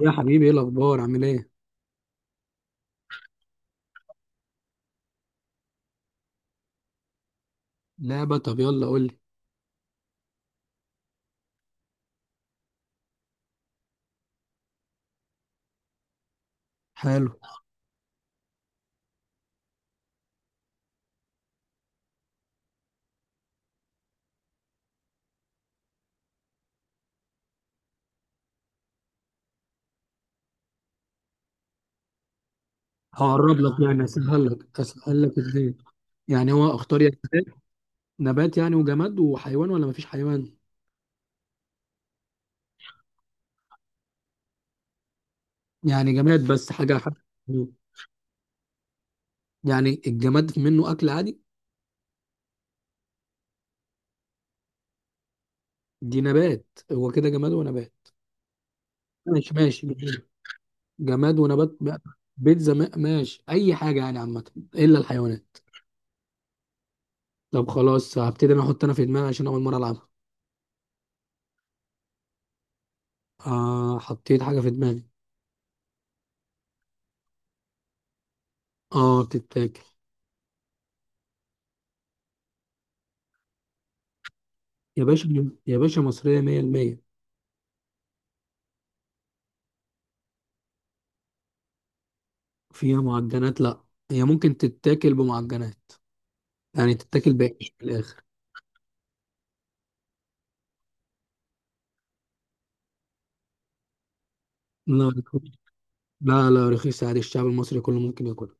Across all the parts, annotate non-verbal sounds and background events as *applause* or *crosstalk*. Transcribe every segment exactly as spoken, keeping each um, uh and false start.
يا حبيبي ايه الاخبار عامل ايه؟ لعبه؟ طب يلا قول لي. حلو. هقرب لك يعني اسهل لك اسهل لك ازاي؟ يعني هو اختار يا نبات. نبات يعني وجماد وحيوان ولا مفيش حيوان؟ يعني جماد بس حاجه حاجة. يعني يعني الجماد منه اكل عادي. دي نبات. هو كده جماد ونبات؟ ماشي ماشي جماد. جماد ونبات بقى. بيتزا ما- ماشي اي حاجه يعني عامه الا الحيوانات. طب خلاص هبتدي انا احط انا في دماغي عشان اول مره العبها. آه حطيت حاجه في دماغي. اه بتتاكل. يا باشا يا باشا مصرية مية في المية. فيها معجنات لا، هي ممكن تتاكل بمعجنات يعني تتاكل بعيش في الآخر. لا رخيص. لا لا رخيص عادي الشعب المصري كله ممكن ياكلها.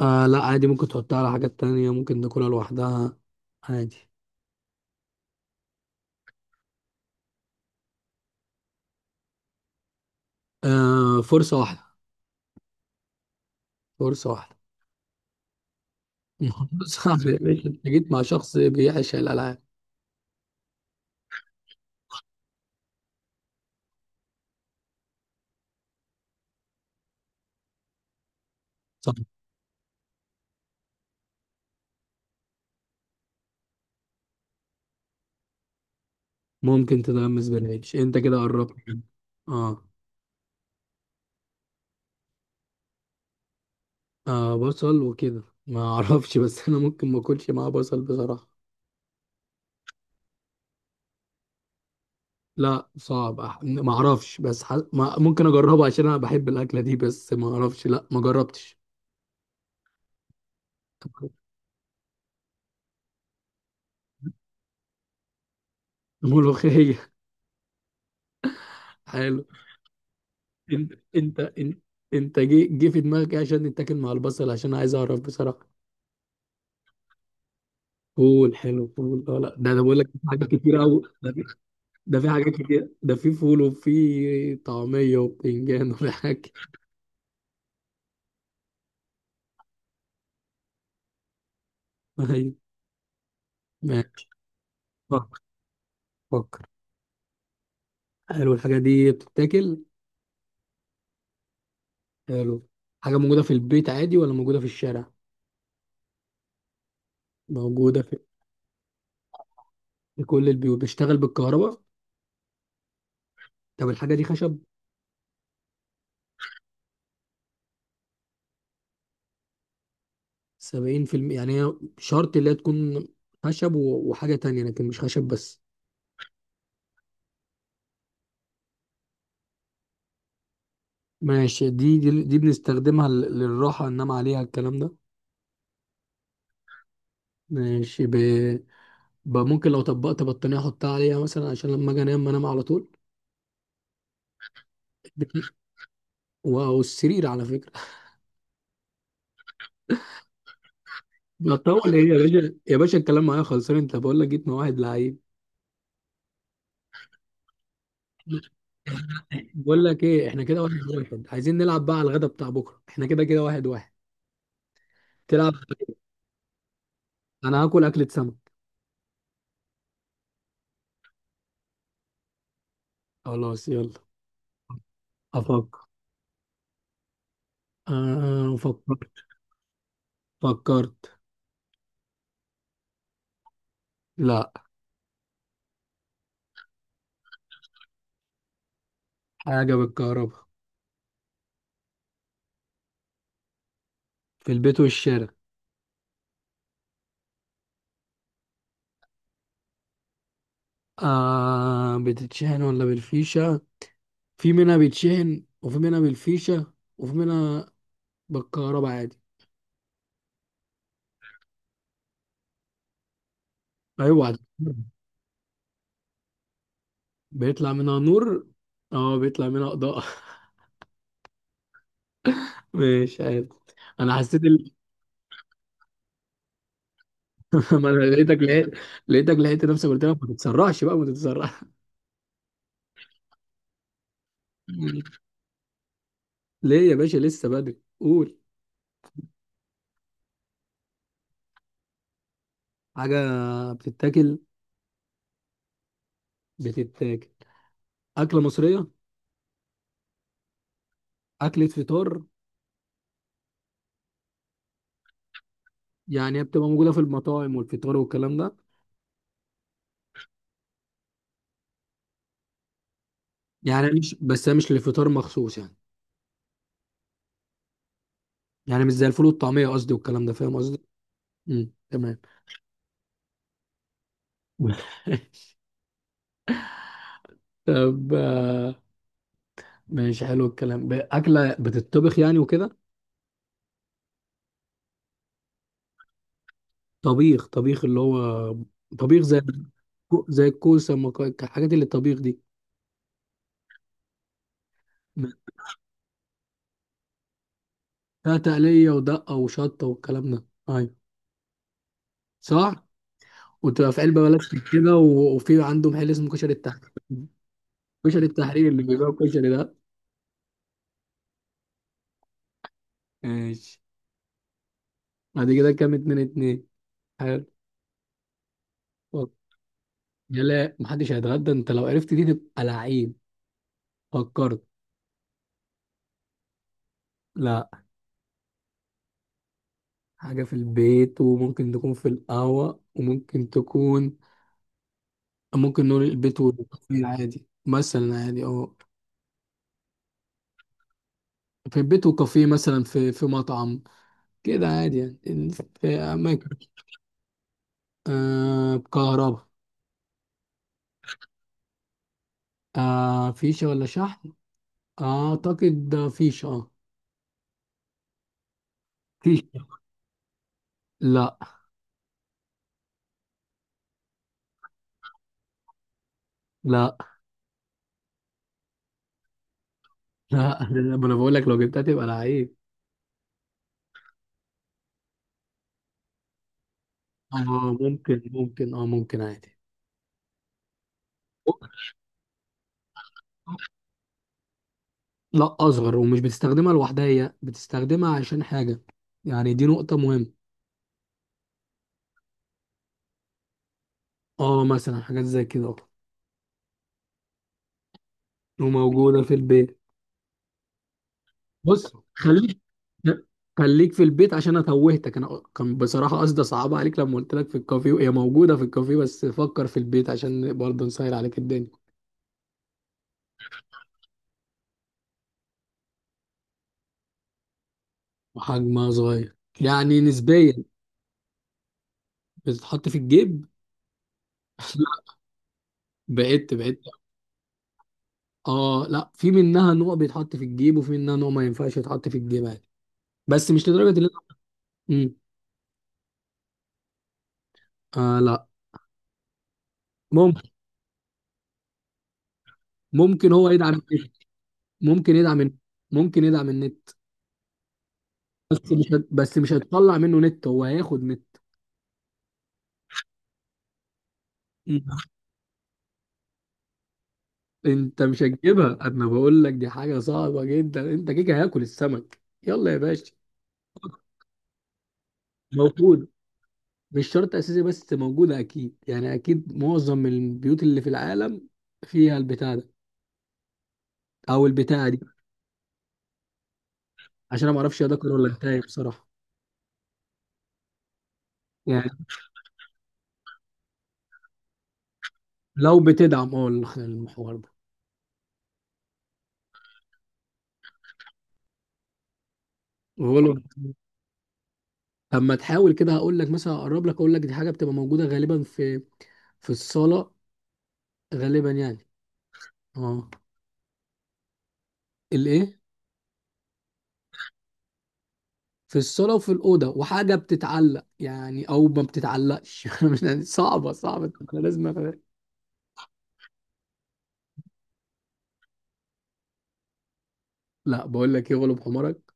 آه لا عادي ممكن تحطها على حاجات تانية ممكن تاكلها لوحدها عادي. آه فرصة واحدة. فرصة واحدة. *laughs* ما هو صعب يا باشا انت جيت مع شخص بيعشق الألعاب. صح. ممكن تتغمس بالعيش انت كده قربت. اه آه بصل وكده ما *laughs* اعرفش، بس انا ممكن ما اكلش معاه بصل بصراحة. لا صعب أح- ما اعرفش، بس ح... ما... ممكن اجربها عشان انا بحب الاكله دي، بس ما اعرفش لا ما جربتش. ملوخيه. *laughs* حلو. انت انت انت, انت جه جه في دماغك إيه عشان نتاكل مع البصل؟ عشان عايز اعرف بصراحه. فول حلو. فول اه لا ده ده بقول لك في حاجات كتير قوي ده في ده في حاجات كتير، ده في فول وفي طعميه وبتنجان وفي حاجه. ايوه ماشي. فكر. فكر. حلو، الحاجه دي بتتاكل؟ حلو. حاجه موجوده في البيت عادي ولا موجوده في الشارع؟ موجودة في لكل البيوت؟ بيشتغل بالكهرباء؟ طب الحاجة دي خشب؟ سبعين في المية يعني، هي شرط اللي هي تكون خشب و- وحاجة تانية لكن مش خشب بس. ماشي دي دي, دي بنستخدمها لل- للراحة ننام عليها الكلام ده. ماشي ب... ب... ممكن لو طبقت بطانية أحطها عليها مثلا عشان لما أجي أنام أنام على طول. *laughs* و- والسرير على فكرة. بطول إيه يا باشا؟ يا باشا الكلام معايا خلصان، أنت بقول لك جيت مع واحد لعيب. بقول لك إيه، إحنا كده واحد واحد، عايزين نلعب بقى على الغدا بتاع بكرة، إحنا كده كده واحد واحد تلعب. انا هاكل اكلة سمك. خلاص يلا. افكر. آه فكرت. فكرت. لا. حاجة بالكهرباء. في البيت والشارع. آه بتتشحن ولا بالفيشة؟ في منها بيتشحن وفي منها بالفيشة وفي منها بالكهرباء عادي. ايوه عادي. بيطلع منها نور. اه بيطلع منها اضاءة. *laughs* مش عارف، انا حسيت ال... *laughs* ما انا لقيتك لقيت، لقيتك لقيت نفسك قلت لك ما تتسرعش بقى ما تتسرعش. *laughs* ليه يا باشا؟ لسه بدري. قول. حاجة بتتاكل. بتتاكل. أكلة مصرية. أكلة فطار. يعني هي بتبقى موجودة في المطاعم والفطار والكلام ده. يعني مش بس، هي مش للفطار مخصوص يعني. يعني مش زي الفول والطعمية قصدي والكلام ده، فاهم قصدي؟ امم تمام. *laughs* طب آه، ماشي حلو الكلام. ب- أكلة بتطبخ يعني وكده. طبيخ طبيخ اللي هو طبيخ زي، زي الكوسة المكا- الحاجات اللي الطبيخ دي فيها تقلية ودقة وشطة والكلام ده أيوة. صح؟ وتبقى في علبه بلاستيك كده و- وفي عندهم محل اسمه كشري التحرير. كشري التحرير اللي بيبيع الكشري ده. ماشي. بعد كده كام اتنين اتنين. حلو. فك- يا لا محدش هيتغدى، انت لو عرفت دي تبقى لعيب. فكرت. لا. حاجه في البيت، وممكن تكون في القهوه وممكن تكون، ممكن نقول البيت والكافيه عادي مثلا، عادي اه. في البيت وكافيه مثلا، في في مطعم كده عادي يعني، في اماكن. آه كهرباء. آه فيشه ولا شحن؟ اعتقد فيش اه. فيش. لا. لا لا لا، ما انا بقول لك لو جبتها تبقى لعيب. اه ممكن، ممكن اه، ممكن عادي. لا اصغر، ومش بتستخدمها لوحدها، هي بتستخدمها عشان حاجه. يعني دي نقطه مهمه. اه مثلا حاجات زي كده اه. وموجوده في البيت. بص خليك، خليك في البيت عشان انا توهتك، انا كان بصراحه قصدي صعبه عليك لما قلت لك في الكافيه هي موجوده في الكافيه، بس فكر في البيت عشان برضه نسهل عليك الدنيا. وحجمها صغير. يعني نسبيا. بتتحط في الجيب. *laughs* بعدت بعدت. اه لا، في منها نوع بيتحط في الجيب وفي منها نوع ما ينفعش يتحط في الجيب عادي، بس مش لدرجه اللي. امم آه لا ممكن. ممكن هو يدعم النت. ممكن يدعم النت. ممكن يدعم النت. بس مش هت... بس مش هتطلع منه نت، هو هياخد نت. مم. انت مش هتجيبها، انا بقول لك دي حاجه صعبه جدا، انت كيكه هياكل السمك. يلا يا باشا. موجود. مش شرط اساسي، بس موجوده اكيد، يعني اكيد معظم البيوت اللي في العالم فيها البتاع ده او البتاعه دي. عشان انا ما اعرفش اذاكر ولا انتهي بصراحه. يعني لو بتدعم اه الح- المحور ده. غلط. طب ما تحاول كده هقول لك مثلا اقرب لك، اقول لك دي حاجه بتبقى موجوده غالبا في، في الصاله غالبا يعني. اه الايه. في الصاله وفي الاوضه، وحاجه بتتعلق يعني او ما بتتعلقش. *laughs* انا مش يعني، صعبه صعبه، طب انا لازم أفهم. لا بقول لك ايه، غلب حمارك.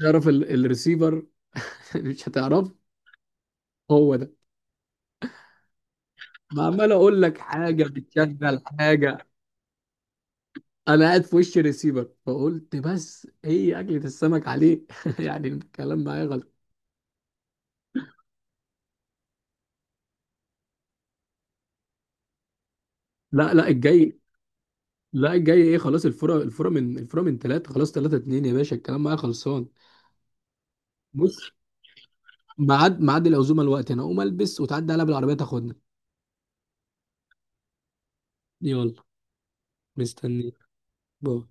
تعرف ال- الريسيفر؟ *laughs* مش هتعرف. هو ده. ما عمال اقول لك حاجه بتشغل حاجه. انا قاعد في وش الريسيفر فقلت، بس هي اكلة السمك عليه. *laughs* يعني الكلام معايا غلط. لا لا الجاي. لا الجاي ايه، خلاص الفرق، الفرق من الفرق من ثلاثة، خلاص ثلاثة اتنين يا باشا الكلام معايا خلصان. بص، ميعاد ميعاد العزومة الوقت، انا اقوم البس وتعدي عليا بالعربية تاخدنا. يلا. مستنيك. باي.